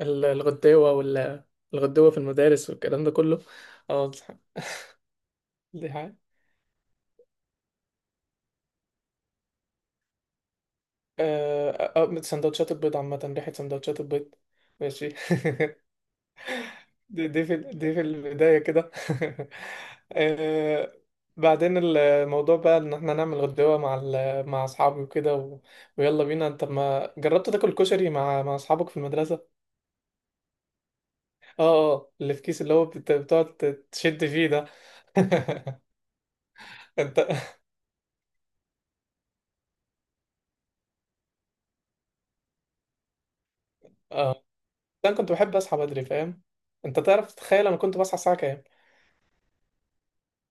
ال- الغداوة وال الغداوة في المدارس والكلام ده كله. اه دي حاجة. اه سندوتشات البيض عامة، ريحة سندوتشات البيض. ماشي. دي في البداية كده. آه، بعدين الموضوع بقى ان احنا نعمل غداوة مع اصحابي وكده ويلا بينا، انت ما جربت تاكل كشري مع اصحابك في المدرسة؟ اه، اه، اللي في كيس، اللي هو بتقعد تشد فيه ده. انت اه لا، انا كنت بحب اصحى بدري، فاهم؟ انت تعرف تتخيل انا كنت بصحى الساعه كام؟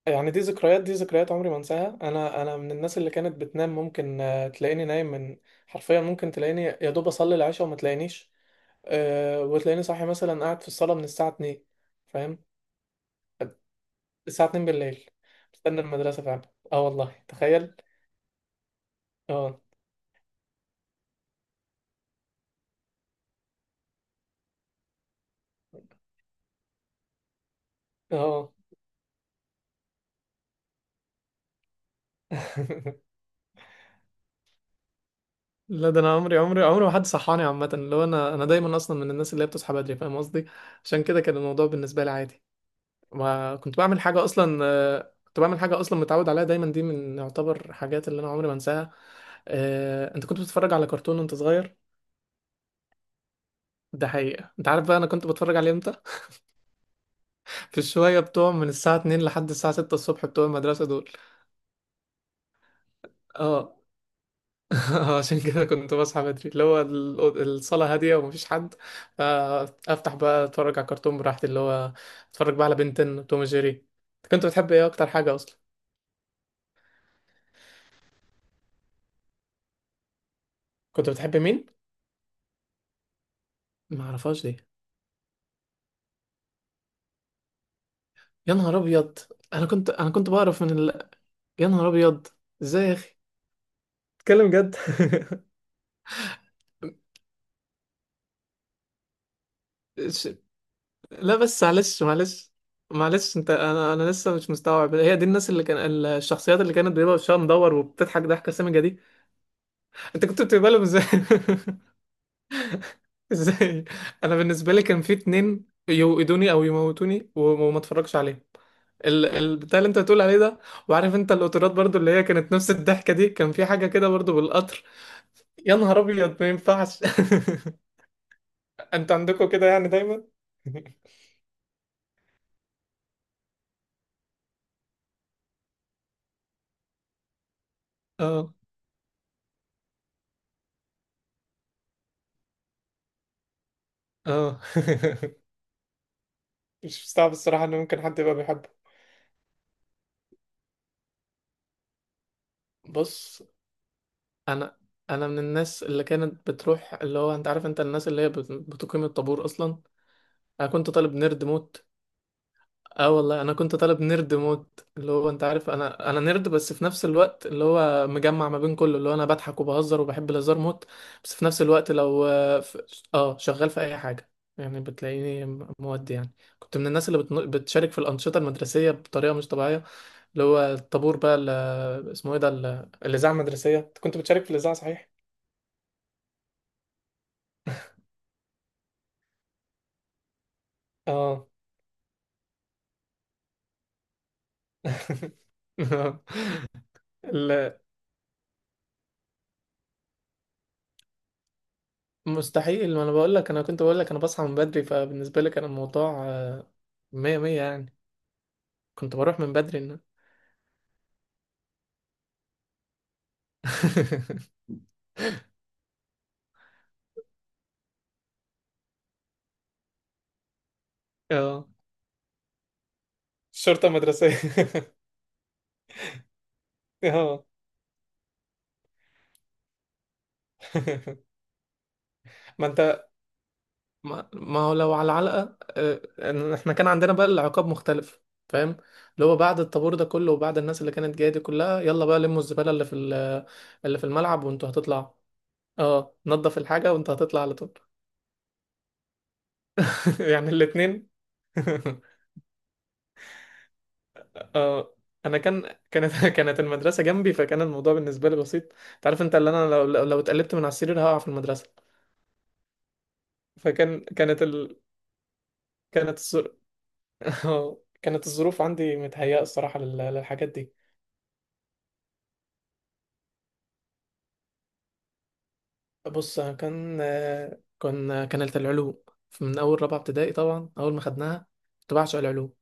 يعني دي ذكريات عمري ما انساها. انا من الناس اللي كانت بتنام ممكن، تلاقيني نايم من، حرفيا ممكن تلاقيني يا دوب اصلي العشاء وما تلاقينيش. وتلاقيني صاحي مثلا قاعد في الصاله من الساعه 2، فاهم؟ الساعه 2 بالليل مستني المدرسه فعلا. اه والله، تخيل. اه، اه. لا، ده انا عمري ما حد صحاني عامه. اللي هو انا دايما اصلا من الناس اللي هي بتصحى بدري، فاهم قصدي؟ عشان كده كان الموضوع بالنسبه لي عادي. وكنت بعمل حاجة أصلا، كنت بعمل حاجة أصلا متعود عليها دايما. دي من يعتبر حاجات اللي أنا عمري ما أنساها. أنت كنت بتتفرج على كرتون وأنت صغير؟ ده حقيقة. أنت عارف بقى أنا كنت بتفرج عليه إمتى؟ في الشوية بتوع من الساعة 2 لحد الساعة 6 الصبح بتوع المدرسة دول. اه. عشان كده كنت بصحى بدري، اللي هو الصالة هادية ومفيش حد. فأفتح بقى أتفرج على كرتون براحتي، اللي هو أتفرج بقى على بنتين توم جيري. كنت بتحب إيه أكتر حاجة أصلا؟ كنت بتحب مين؟ معرفهاش دي. يا نهار ابيض، انا كنت بعرف. يا نهار ابيض، ازاي يا اخي؟ اتكلم جد. ش- لا بس معلش انت، انا لسه مش مستوعب هي دي الناس اللي كان. الشخصيات اللي كانت بيبقى وشها مدور وبتضحك ضحكه سامجه دي، انت كنت بتقبلهم لهم ازاي؟ ازاي؟ انا بالنسبه لي كان في اتنين، يوقدوني او يموتوني وما اتفرجش عليهم، البتاع اللي انت بتقول عليه ده. وعارف انت القطارات برضو، اللي هي كانت نفس الضحكه دي، كان في حاجه كده برضو بالقطر. يا نهار ابيض، ما ينفعش. انت عندكم كده يعني دايما؟ اه، اه. مش مستعب الصراحه ان ممكن حد يبقى بيحبه. بص، انا انا من الناس اللي كانت بتروح، اللي هو انت عارف، انت الناس اللي هي بتقيم الطابور اصلا. انا كنت طالب نيرد موت. اه والله، انا كنت طالب نيرد موت، اللي هو انت عارف، انا نيرد، بس في نفس الوقت اللي هو مجمع ما بين كله، اللي هو انا بضحك وبهزر وبحب الهزار موت. بس في نفس الوقت لو شغال في اي حاجه، يعني بتلاقيني مودي يعني. كنت من الناس اللي بتشارك في الانشطه المدرسيه بطريقه مش طبيعيه، اللي هو الطابور بقى، اللي اسمه ايه ده، الاذاعه المدرسيه. أنت كنت بتشارك في الاذاعه، صحيح؟ اه. ال- مستحيل، ما انا بقول لك، انا كنت بقول لك انا بصحى من بدري، فبالنسبه لي كان الموضوع مية مية يعني. كنت بروح من بدري. اه. شرطة مدرسية. اه. ما انت. ما هو لو على علقة، إن احنا كان عندنا بقى العقاب مختلف، فاهم؟ اللي هو بعد الطابور ده كله، وبعد الناس اللي كانت جاية دي كلها، يلا بقى لموا الزبالة اللي في الملعب، وانتوا هتطلعوا. اه، نضف الحاجة وانت هتطلع على طول. يعني الاتنين. اه انا كان كانت كانت المدرسه جنبي، فكان الموضوع بالنسبه لي بسيط. انت عارف انت، اللي انا لو اتقلبت من على السرير هقع في المدرسه. فكان كانت ال... كانت الظر... اه كانت الظروف عندي متهيئه الصراحه للحاجات دي. بص، أنا كانت العلوم، من اول رابعه ابتدائي طبعا، اول ما خدناها. كنت بعشق العلوم.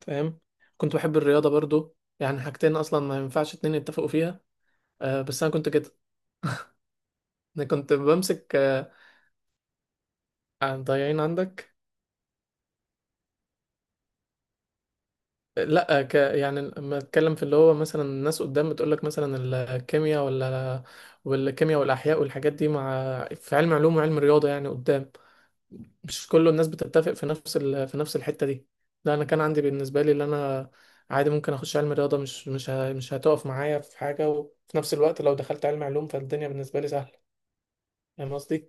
تمام، كنت بحب الرياضه برضو، يعني حاجتين اصلا ما ينفعش اتنين يتفقوا فيها. بس انا كنت كده. انا كنت بمسك، ضايعين عندك. لا، يعني لما اتكلم في اللي هو مثلا، الناس قدام بتقول لك مثلا الكيمياء، ولا والكيمياء والاحياء والحاجات دي، مع في علم علوم وعلم رياضه، يعني قدام. مش كل الناس بتتفق في في نفس الحته دي. لا، انا كان عندي بالنسبه لي اللي انا، عادي ممكن اخش علم رياضه، مش هتقف معايا في حاجه، وفي نفس الوقت لو دخلت علم علوم، فالدنيا بالنسبه لي سهله، فاهم قصدي؟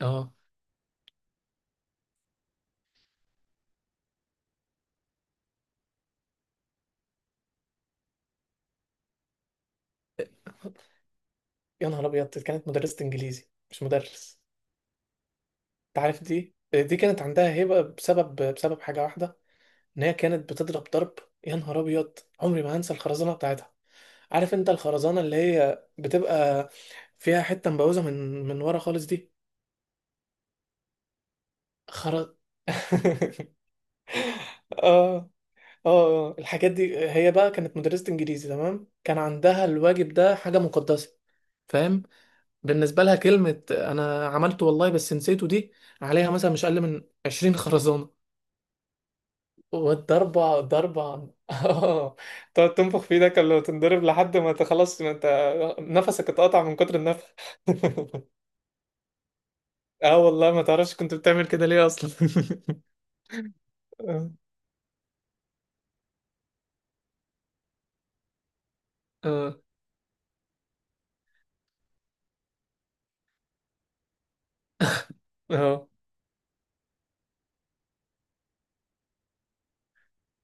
اه يا نهار ابيض، دي كانت مدرسة انجليزي، مش مدرس. انت عارف، دي كانت عندها هيبة بسبب حاجة واحدة، ان هي كانت بتضرب ضرب. يا نهار ابيض، عمري ما هنسى الخرزانه بتاعتها. عارف انت الخرزانه اللي هي بتبقى فيها حته مبوزه من ورا خالص دي. خر اه الحاجات دي هي بقى كانت مدرسة انجليزي، تمام، كان عندها الواجب ده حاجة مقدسة، فاهم؟ بالنسبة لها كلمة "انا عملته والله بس نسيته" دي عليها مثلا مش اقل من 20 خرزانة. والضربة ضربة. اه تقعد تنفخ في ايدك ولا تنضرب، لحد ما انت خلاص، ما انت نفسك اتقطع من كتر النفخ. اه والله، ما تعرفش كنت بتعمل كده ليه اصلا. اه، اه، اه،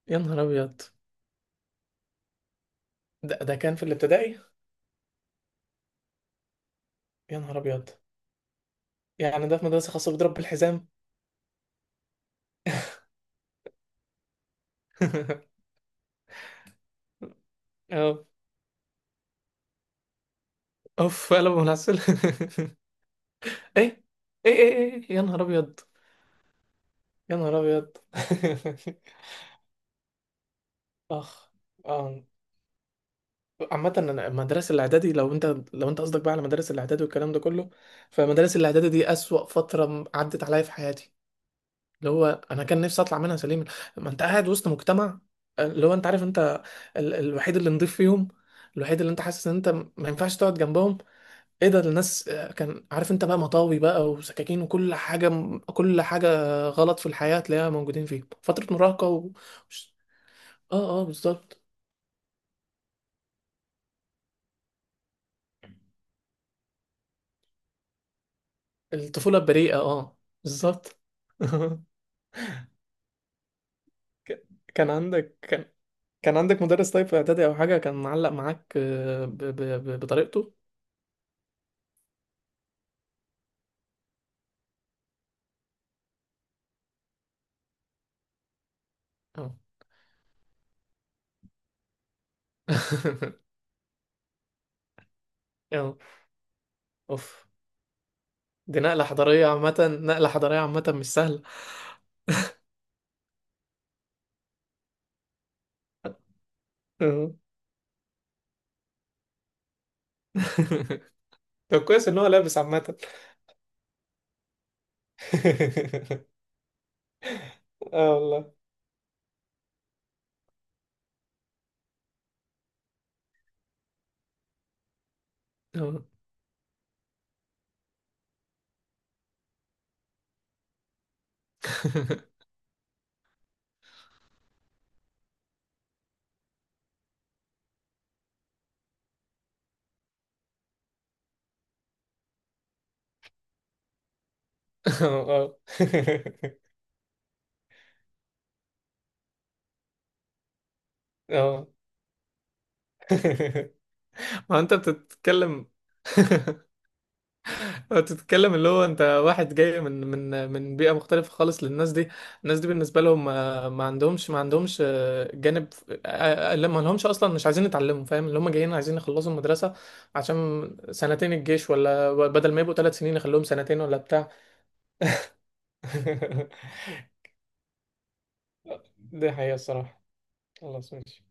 يا نهار ابيض. ده كان في الابتدائي. يا نهار ابيض، يعني ده في مدرسة خاصة بيضرب بالحزام؟ اه اوف، قلبه ملعسل. ايه، ايه، ايه، ايه، ايه، يا نهار ابيض، يا نهار ابيض. اخ. اه عامة، أنا المدرسة الإعدادي، لو أنت، قصدك بقى على مدارس الإعدادي والكلام ده كله، فمدارس الإعدادي دي أسوأ فترة عدت عليا في حياتي، اللي هو أنا كان نفسي أطلع منها سليما. ما أنت قاعد وسط مجتمع، اللي هو أنت عارف، أنت الوحيد اللي نضيف فيهم، الوحيد اللي أنت حاسس إن أنت ما ينفعش تقعد جنبهم. إيه ده الناس؟ كان عارف أنت بقى مطاوي بقى وسكاكين وكل حاجة، كل حاجة غلط في الحياة تلاقيها موجودين فيهم، فترة مراهقة. آه، آه، بالظبط. الطفولة البريئة، آه، بالظبط. ك- كان عندك كان كان عندك مدرس طيب في اعدادي او حاجه، كان معلق معاك، بطريقته. اه. اه، اوف. دي نقله حضاريه عامه، نقله حضاريه عامه مش سهله. اه. طب كويس ان هو لابس عامه. اه والله. اه. اه، اه. اه. ما انت بتتكلم. انت بتتكلم، اللي هو انت واحد جاي من بيئة مختلفة خالص للناس دي. الناس دي بالنسبة لهم ما عندهمش جانب، لا، ما لهمش اصلا، مش عايزين يتعلموا، فاهم؟ اللي هم جايين عايزين يخلصوا المدرسة، عشان سنتين الجيش، ولا بدل ما يبقوا 3 سنين يخلوهم سنتين ولا بتاع. دي حقيقة الصراحة. خلاص ماشي.